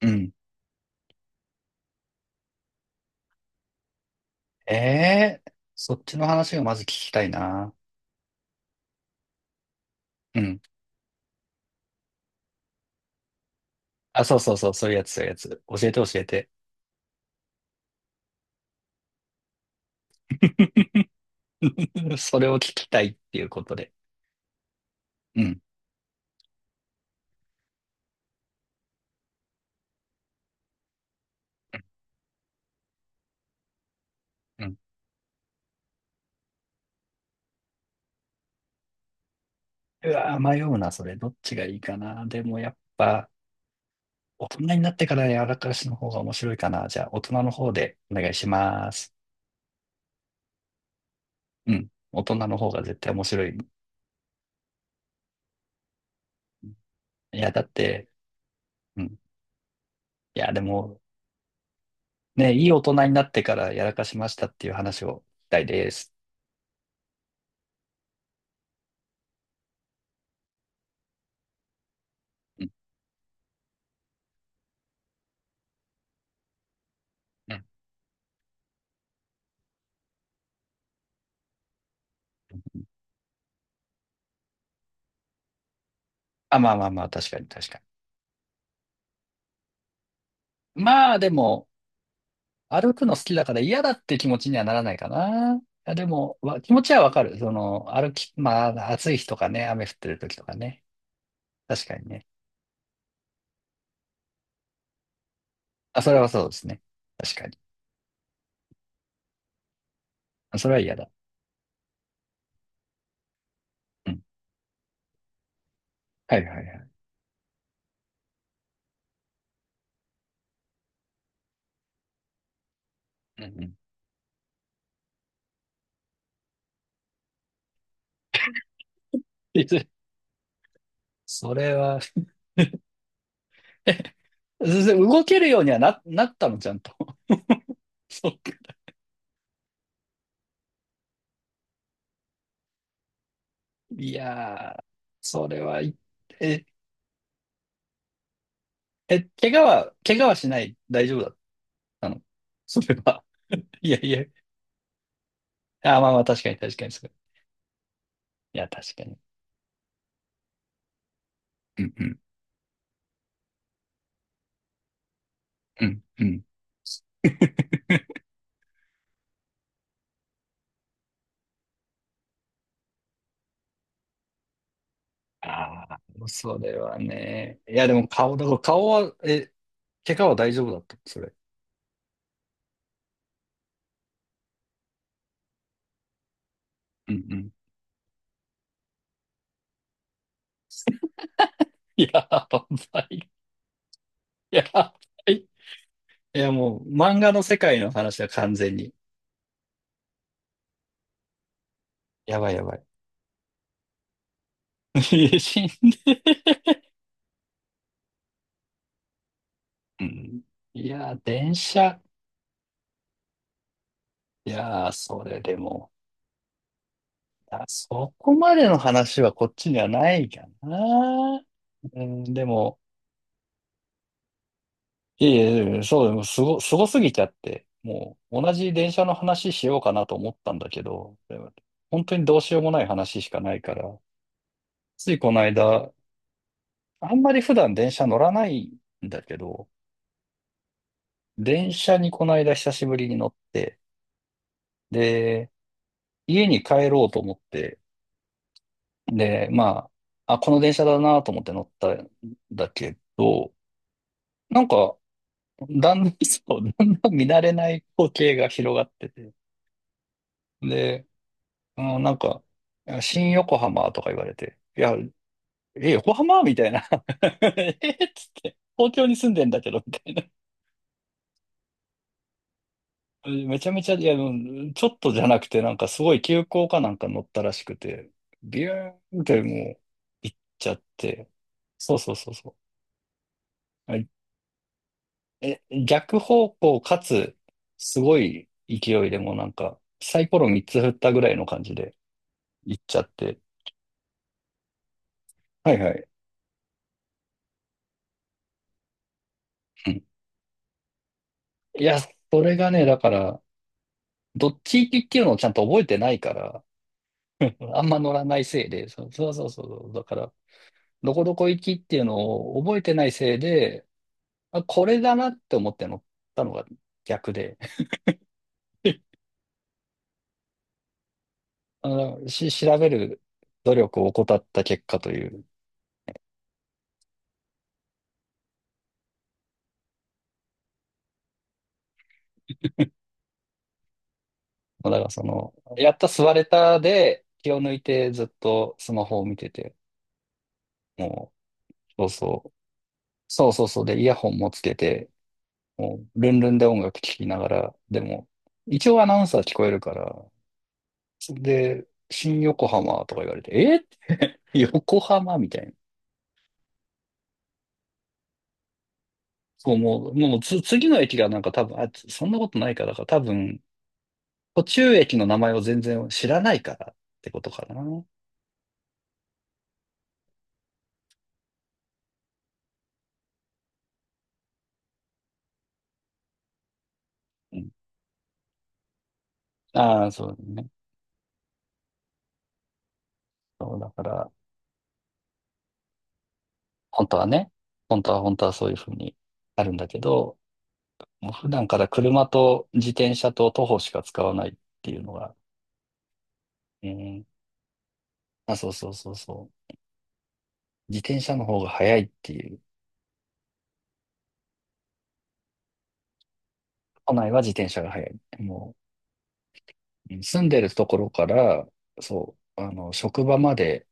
うん。ええーそっちの話がまず聞きたいな。うん。あ、そうそうそう、そういうやつ、そういうやつ。教えて教えて。それを聞きたいっていうことで。うん。うん。うわー、迷うな、それ。どっちがいいかな。でもやっぱ、大人になってからやらかしの方が面白いかな。じゃあ、大人の方でお願いします。うん。大人の方が絶対面白い。いや、だって、うん。いや、でも、ね、いい大人になってからやらかしましたっていう話をしたいです。うん、あ、まあまあまあ、確かに確かに。まあでも、歩くの好きだから嫌だって気持ちにはならないかな。いやでも、わ気持ちはわかる。その、歩き、まあ、暑い日とかね、雨降ってる時とかね。確かにね。あ、それはそうですね。確かに。あ、それは嫌だ。うん。はいはいはい。うんうん。いずそれは。 全然動けるようにはなったの、ちゃんと。そっか。いやー、それは、え、え、怪我はしない。大丈夫だったの。それは。いやいや、あ、まあまあ、確かに確かにそう。いや、確かに。うんうん。うんうん。ああ、それはね。いや、でも顔、だから顔は、え、怪我は大丈夫だった、それ。うんうん。いや、ばい。いやばい。いや、もう、漫画の世界の話は完全に。やばいやばい。いや死んで。うん。いや、電車。いや、それでも。いやそこまでの話はこっちにはないかな。うん、でも、いえいえ、いえそう、でもすご、すごすぎちゃって、もう同じ電車の話しようかなと思ったんだけど、でも本当にどうしようもない話しかないから、ついこの間、あんまり普段電車乗らないんだけど、電車にこの間久しぶりに乗って、で、家に帰ろうと思って、で、まあ、あ、この電車だなと思って乗ったんだけど、なんか、だんだん、そう、だんだん見慣れない光景が広がってて、で、うん、なんか、いや新横浜とか言われて、いや、え、横浜みたいな。えっつって、東京に住んでんだけど、みたいな。めちゃめちゃ、いや、うんちょっとじゃなくて、なんかすごい急行かなんか乗ったらしくて、ビューンってもう、行っちゃって。そうそうそうそう。はい、え、逆方向かつ、すごい勢いでもうなんか、サイコロ3つ振ったぐらいの感じで行っちゃって。はいはい。うん、いや、それがね、だから、どっち行きっていうのをちゃんと覚えてないから、あんま乗らないせいで、そうそうそうそう、だから、どこどこ行きっていうのを覚えてないせいで、あ、これだなって思って乗ったのが逆で、あの、調べる努力を怠った結果という、だからその、やった座れたで気を抜いてずっとスマホを見てて、もう、そうそう、そうそうそうで、イヤホンもつけて、もう、ルンルンで音楽聴きながら、でも、一応アナウンサー聞こえるから、で、新横浜とか言われて、え、 横浜みたいな。そう、もう、もうつ、次の駅がなんか多分、そんなことないから、だから多分、途中駅の名前を全然知らないからってことかな。うん。ああ、そうね。そう、だから、本当はね、本当はそういうふうにあるんだけど、もう普段から車と自転車と徒歩しか使わないっていうのが、うん。あ、そうそうそうそう。自転車の方が早いっていう。都内は自転車が早い。もう住んでるところから、そう、あの、職場まで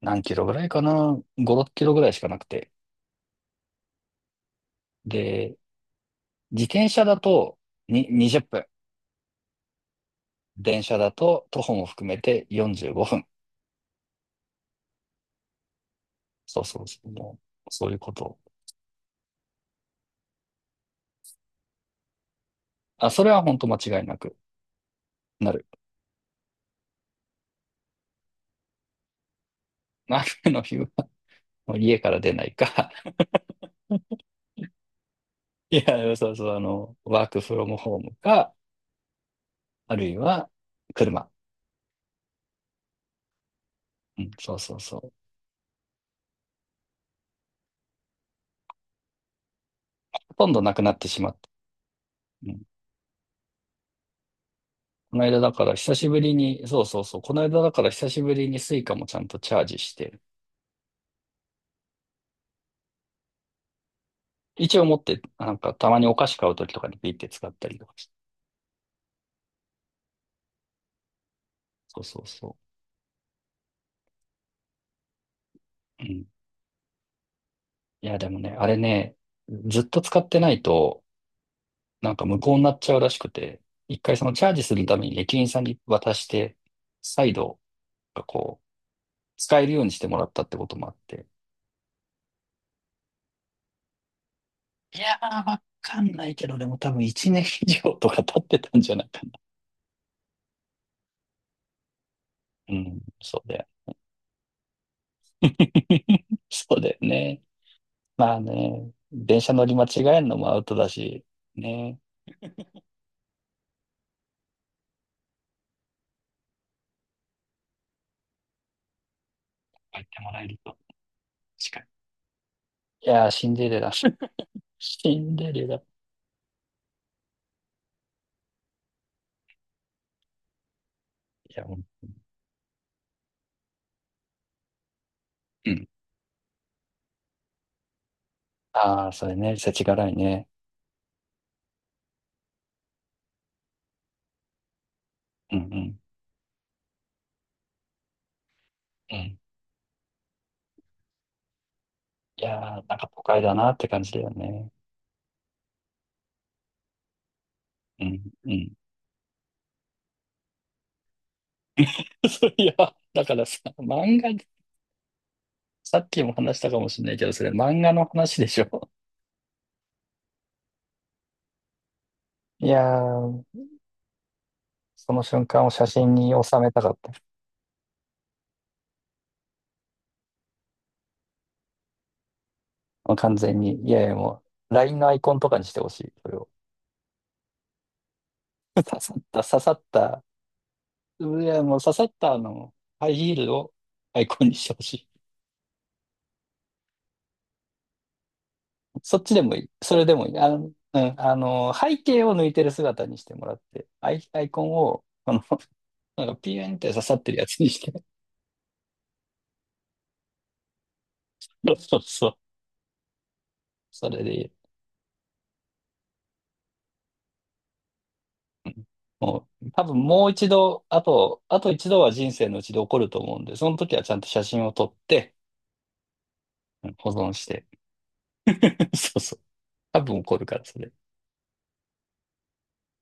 何キロぐらいかな ?5、6キロぐらいしかなくて。で、自転車だとに20分。電車だと徒歩も含めて45分。そうそうそう。もうそういうこと。あ、それは本当間違いなくなる。雨の日はもう家から出ないか。いや、そうそう、あの、ワークフロムホームか、あるいは車。うん、そうそうそう。ほとんどなくなってしまった。うん、この間だから久しぶりに、そうそうそう、この間だから久しぶりにスイカもちゃんとチャージして、一応持って、なんかたまにお菓子買うときとかにピッて使ったりとかして。そうそうそう。うん。いや、でもね、あれね、ずっと使ってないと、なんか無効になっちゃうらしくて、一回そのチャージするために駅員さんに渡して、再度、こう、使えるようにしてもらったってこともあって。いやー、わかんないけど、でも多分1年以上とか経ってたんじゃないかな。うん、そうだよね。 そうだよね。まあね、電車乗り間違えんのもアウトだし、ね。言ってもらえると。確かに。いやー、シンデレラ。シンデレラ。いや、うん。うん、ああ、それね、世知辛いね。うんうん。うん。いやー、なんか都会だなって感じだよね。うんうん。そういや、だからさ、漫画、さっきも話したかもしれないけど、それ漫画の話でしょ。いやー、その瞬間を写真に収めたかった。もう完全に。いやいや、もう、LINE のアイコンとかにしてほしい。それを。刺さった、刺さった。いや、もう刺さったあの、ハイヒールをアイコンにしてほしい。そっちでもいい。それでもいい。あの、うん、あの、背景を抜いてる姿にしてもらって、アイコンを、この、なんかピューンって刺さってるやつにして。そうそうそう。それでいい。うん、もう、多分もう一度、あと一度は人生のうちで起こると思うんで、その時はちゃんと写真を撮って、うん保存して。そうそう。多分起こるから、それ。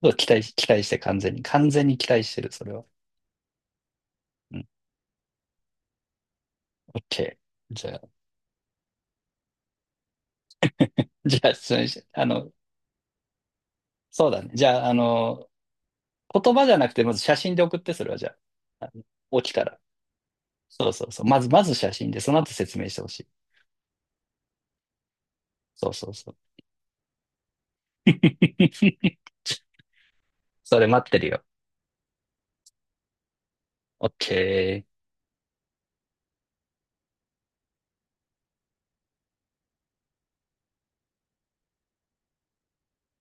そう期待して完全に、完全に期待してる、それは。うん。OK。じゃあ、じゃあ、それ、あの、そうだね。じゃあ、あの、言葉じゃなくて、まず写真で送って、それはじゃあ、あの起きたら。そうそうそう。まず、まず写真で、その後説明してほしい。そうそうそう。それ待ってるよ。OK。